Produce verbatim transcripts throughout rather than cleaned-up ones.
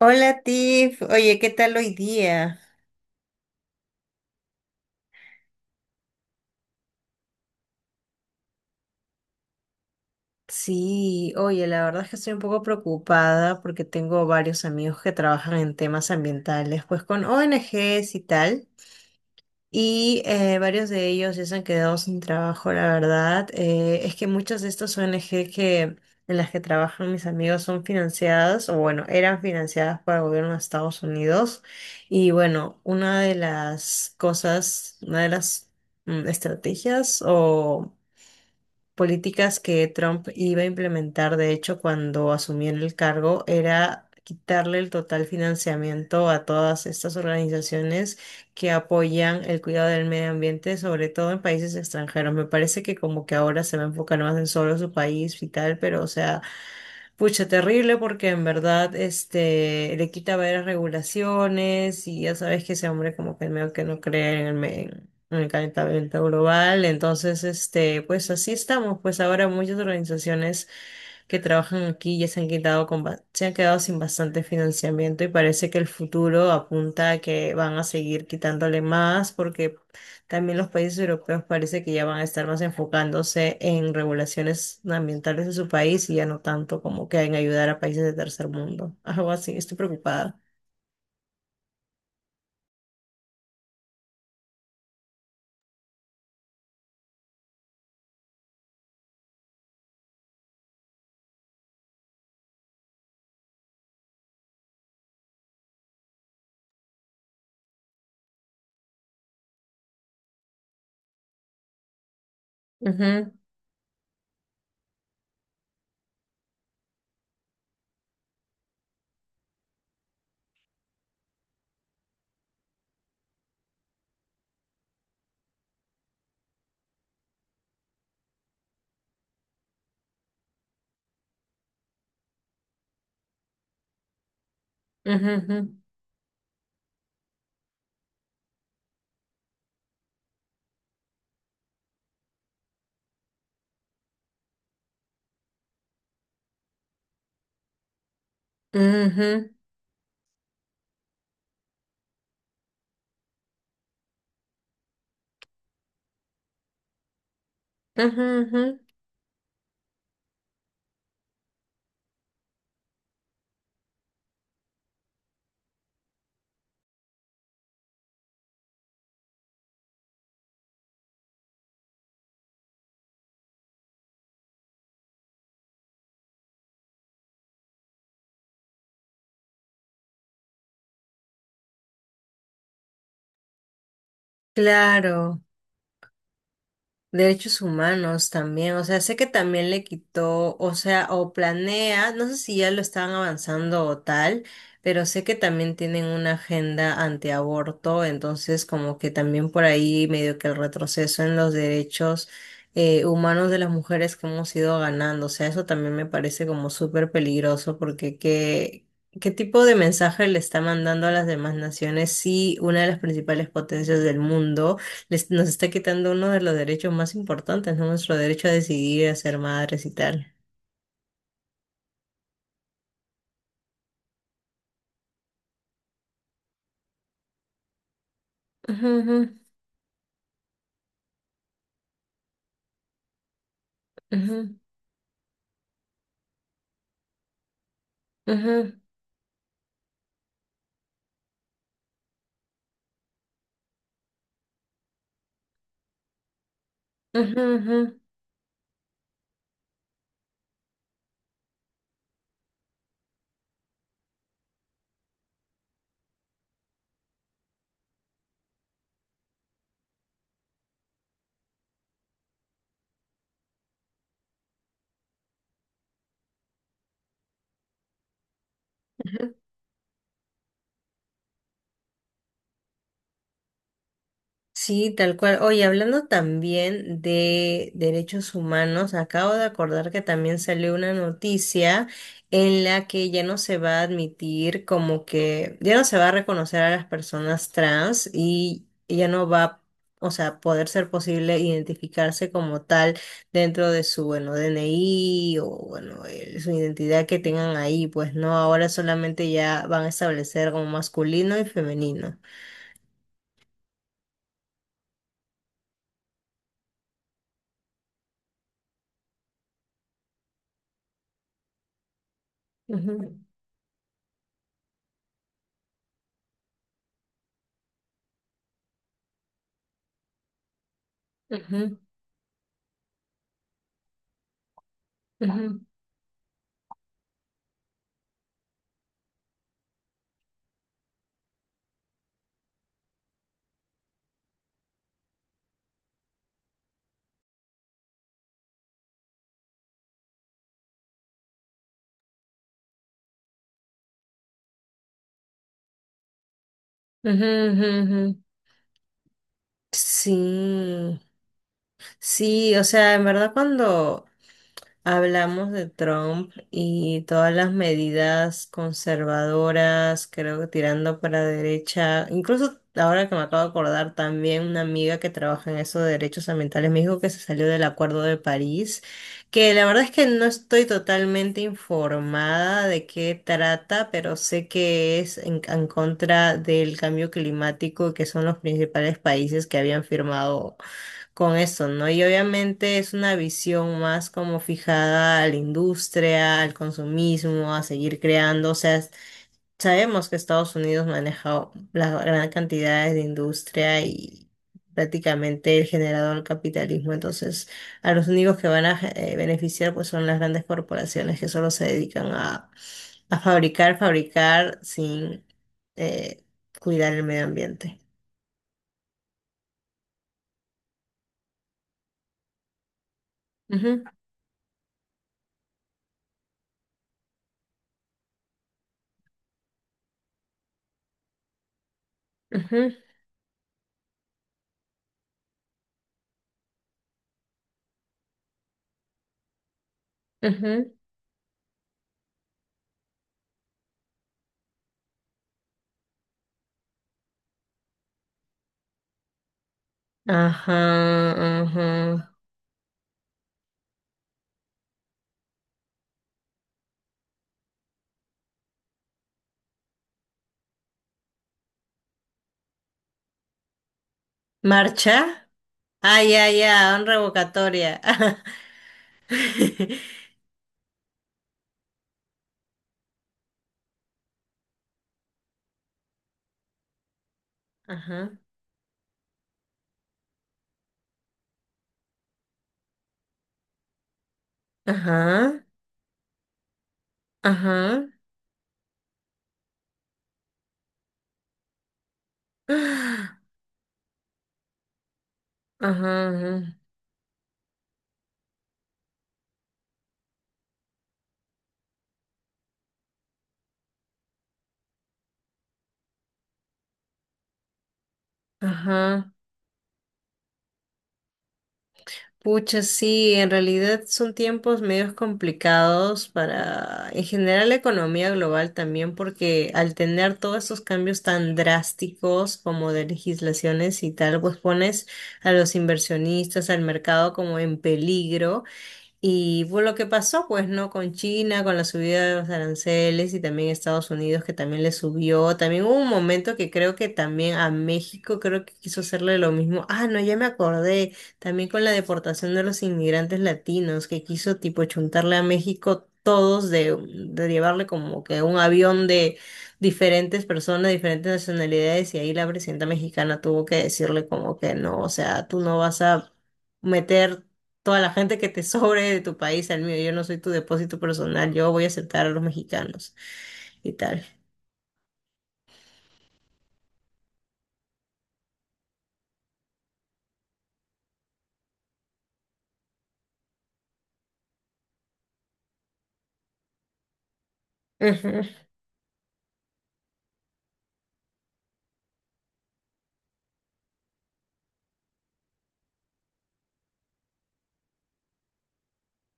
Hola Tiff, oye, ¿qué tal hoy día? Sí, oye, la verdad es que estoy un poco preocupada porque tengo varios amigos que trabajan en temas ambientales, pues con O N Ges y tal, y eh, varios de ellos ya se han quedado sin trabajo, la verdad. Eh, es que muchas de estas O N G que, en las que trabajan mis amigos son financiadas, o bueno, eran financiadas por el gobierno de Estados Unidos, y bueno, una de las cosas, una de las mm, estrategias o políticas que Trump iba a implementar, de hecho, cuando asumió en el cargo, era quitarle el total financiamiento a todas estas organizaciones que apoyan el cuidado del medio ambiente, sobre todo en países extranjeros. Me parece que como que ahora se va a enfocar más en solo su país y tal, pero o sea... Pucha, terrible porque en verdad este le quita varias regulaciones y ya sabes que ese hombre como que medio que no cree en el, me- en el calentamiento global. Entonces, este, pues así estamos. Pues ahora muchas organizaciones que trabajan aquí ya se han quitado con ba- se han quedado sin bastante financiamiento y parece que el futuro apunta a que van a seguir quitándole más porque también los países europeos parece que ya van a estar más enfocándose en regulaciones ambientales de su país y ya no tanto como que en ayudar a países de tercer mundo. Algo así, estoy preocupada. Ujú, ujú, ujú, ujú, ujú, ujú. Claro. Derechos humanos también, o sea, sé que también le quitó, o sea, o planea, no sé si ya lo están avanzando o tal, pero sé que también tienen una agenda antiaborto, entonces como que también por ahí medio que el retroceso en los derechos eh, humanos de las mujeres que hemos ido ganando, o sea, eso también me parece como súper peligroso porque qué, qué tipo de mensaje le está mandando a las demás naciones si una de las principales potencias del mundo les- nos está quitando uno de los derechos más importantes, ¿no? Nuestro derecho a decidir, a ser madres y tal. Ujú, ujú, ujú, ujú, ujú, ujú. Sí, tal cual. Oye, hablando también de derechos humanos, acabo de acordar que también salió una noticia en la que ya no se va a admitir como que ya no se va a reconocer a las personas trans y ya no va, o sea, poder ser posible identificarse como tal dentro de su, bueno, D N I o, bueno, el- su identidad que tengan ahí, pues no, ahora solamente ya van a establecer como masculino y femenino. Ujú, ujú, ujú. Ujú, ujú, ujú. Sí, sí, o sea, en verdad cuando hablamos de Trump y todas las medidas conservadoras, creo que tirando para derecha. Incluso ahora que me acabo de acordar, también una amiga que trabaja en eso de derechos ambientales me dijo que se salió del Acuerdo de París, que la verdad es que no estoy totalmente informada de qué trata, pero sé que es en, en contra del cambio climático, que son los principales países que habían firmado con eso, ¿no? Y obviamente es una visión más como fijada a la industria, al consumismo, a seguir creando. O sea, es- sabemos que Estados Unidos maneja las gran cantidades de industria y prácticamente el generador del capitalismo. Entonces, a los únicos que van a eh, beneficiar pues son las grandes corporaciones que solo se dedican a, a fabricar, fabricar sin eh, cuidar el medio ambiente. Ujú, ujú, ujú. Ajá, ajá. ¿Marcha? Ah, ya, ya, un revocatoria. Ajá, ajá, ajá, ajá, ajá, ajá. Pucha, sí, en realidad son tiempos medios complicados para, en general, la economía global también, porque al tener todos estos cambios tan drásticos como de legislaciones y tal, pues pones a los inversionistas, al mercado como en peligro. Y fue lo que pasó, pues, ¿no? Con China, con la subida de los aranceles y también Estados Unidos que también le subió. También hubo un momento que creo que también a México creo que quiso hacerle lo mismo. Ah, no, ya me acordé. También con la deportación de los inmigrantes latinos que quiso tipo chuntarle a México todos de, de llevarle como que un avión de diferentes personas, diferentes nacionalidades y ahí la presidenta mexicana tuvo que decirle como que no, o sea, tú no vas a meter toda la gente que te sobre de tu país al mío. Yo no soy tu depósito personal, yo voy a aceptar a los mexicanos y tal. Ujú.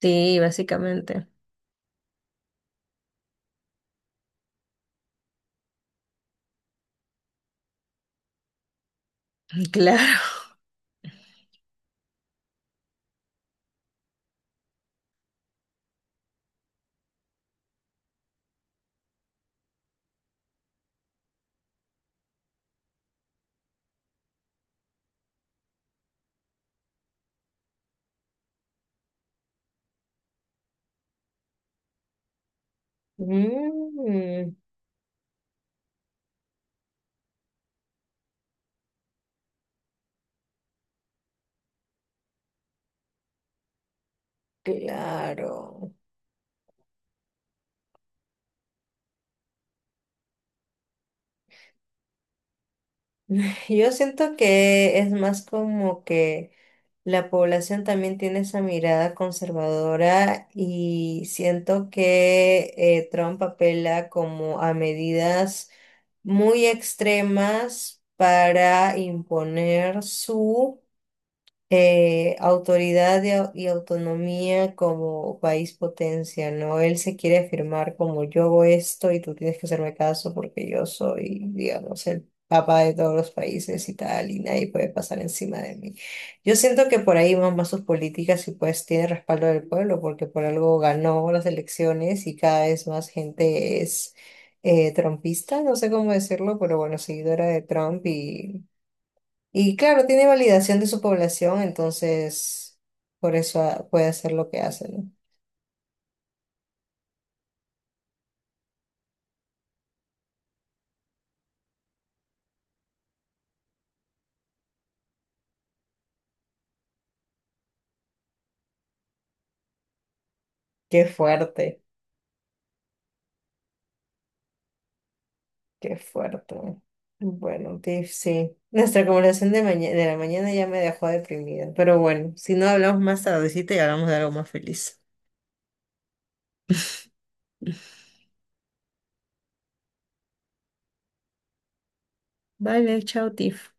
Sí, básicamente. Claro. Mm, claro. Yo siento que es más como que la población también tiene esa mirada conservadora y siento que eh, Trump apela como a medidas muy extremas para imponer su eh, autoridad y, au- y autonomía como país potencia, ¿no? Él se quiere afirmar como yo hago esto y tú tienes que hacerme caso porque yo soy, digamos, el papá de todos los países y tal, y nadie puede pasar encima de mí. Yo siento que por ahí van más sus políticas y pues tiene respaldo del pueblo porque por algo ganó las elecciones y cada vez más gente es... eh, trumpista, no sé cómo decirlo, pero bueno, seguidora de Trump y claro, tiene validación de su población, entonces por eso ah, puede hacer lo que hace, ¿no? Qué fuerte, qué fuerte. Bueno, Tiff, sí. Nuestra conversación de maña- de la mañana ya me dejó deprimida, pero bueno, si no hablamos más tardecita y hablamos de algo más feliz. Vale, chao, Tiff.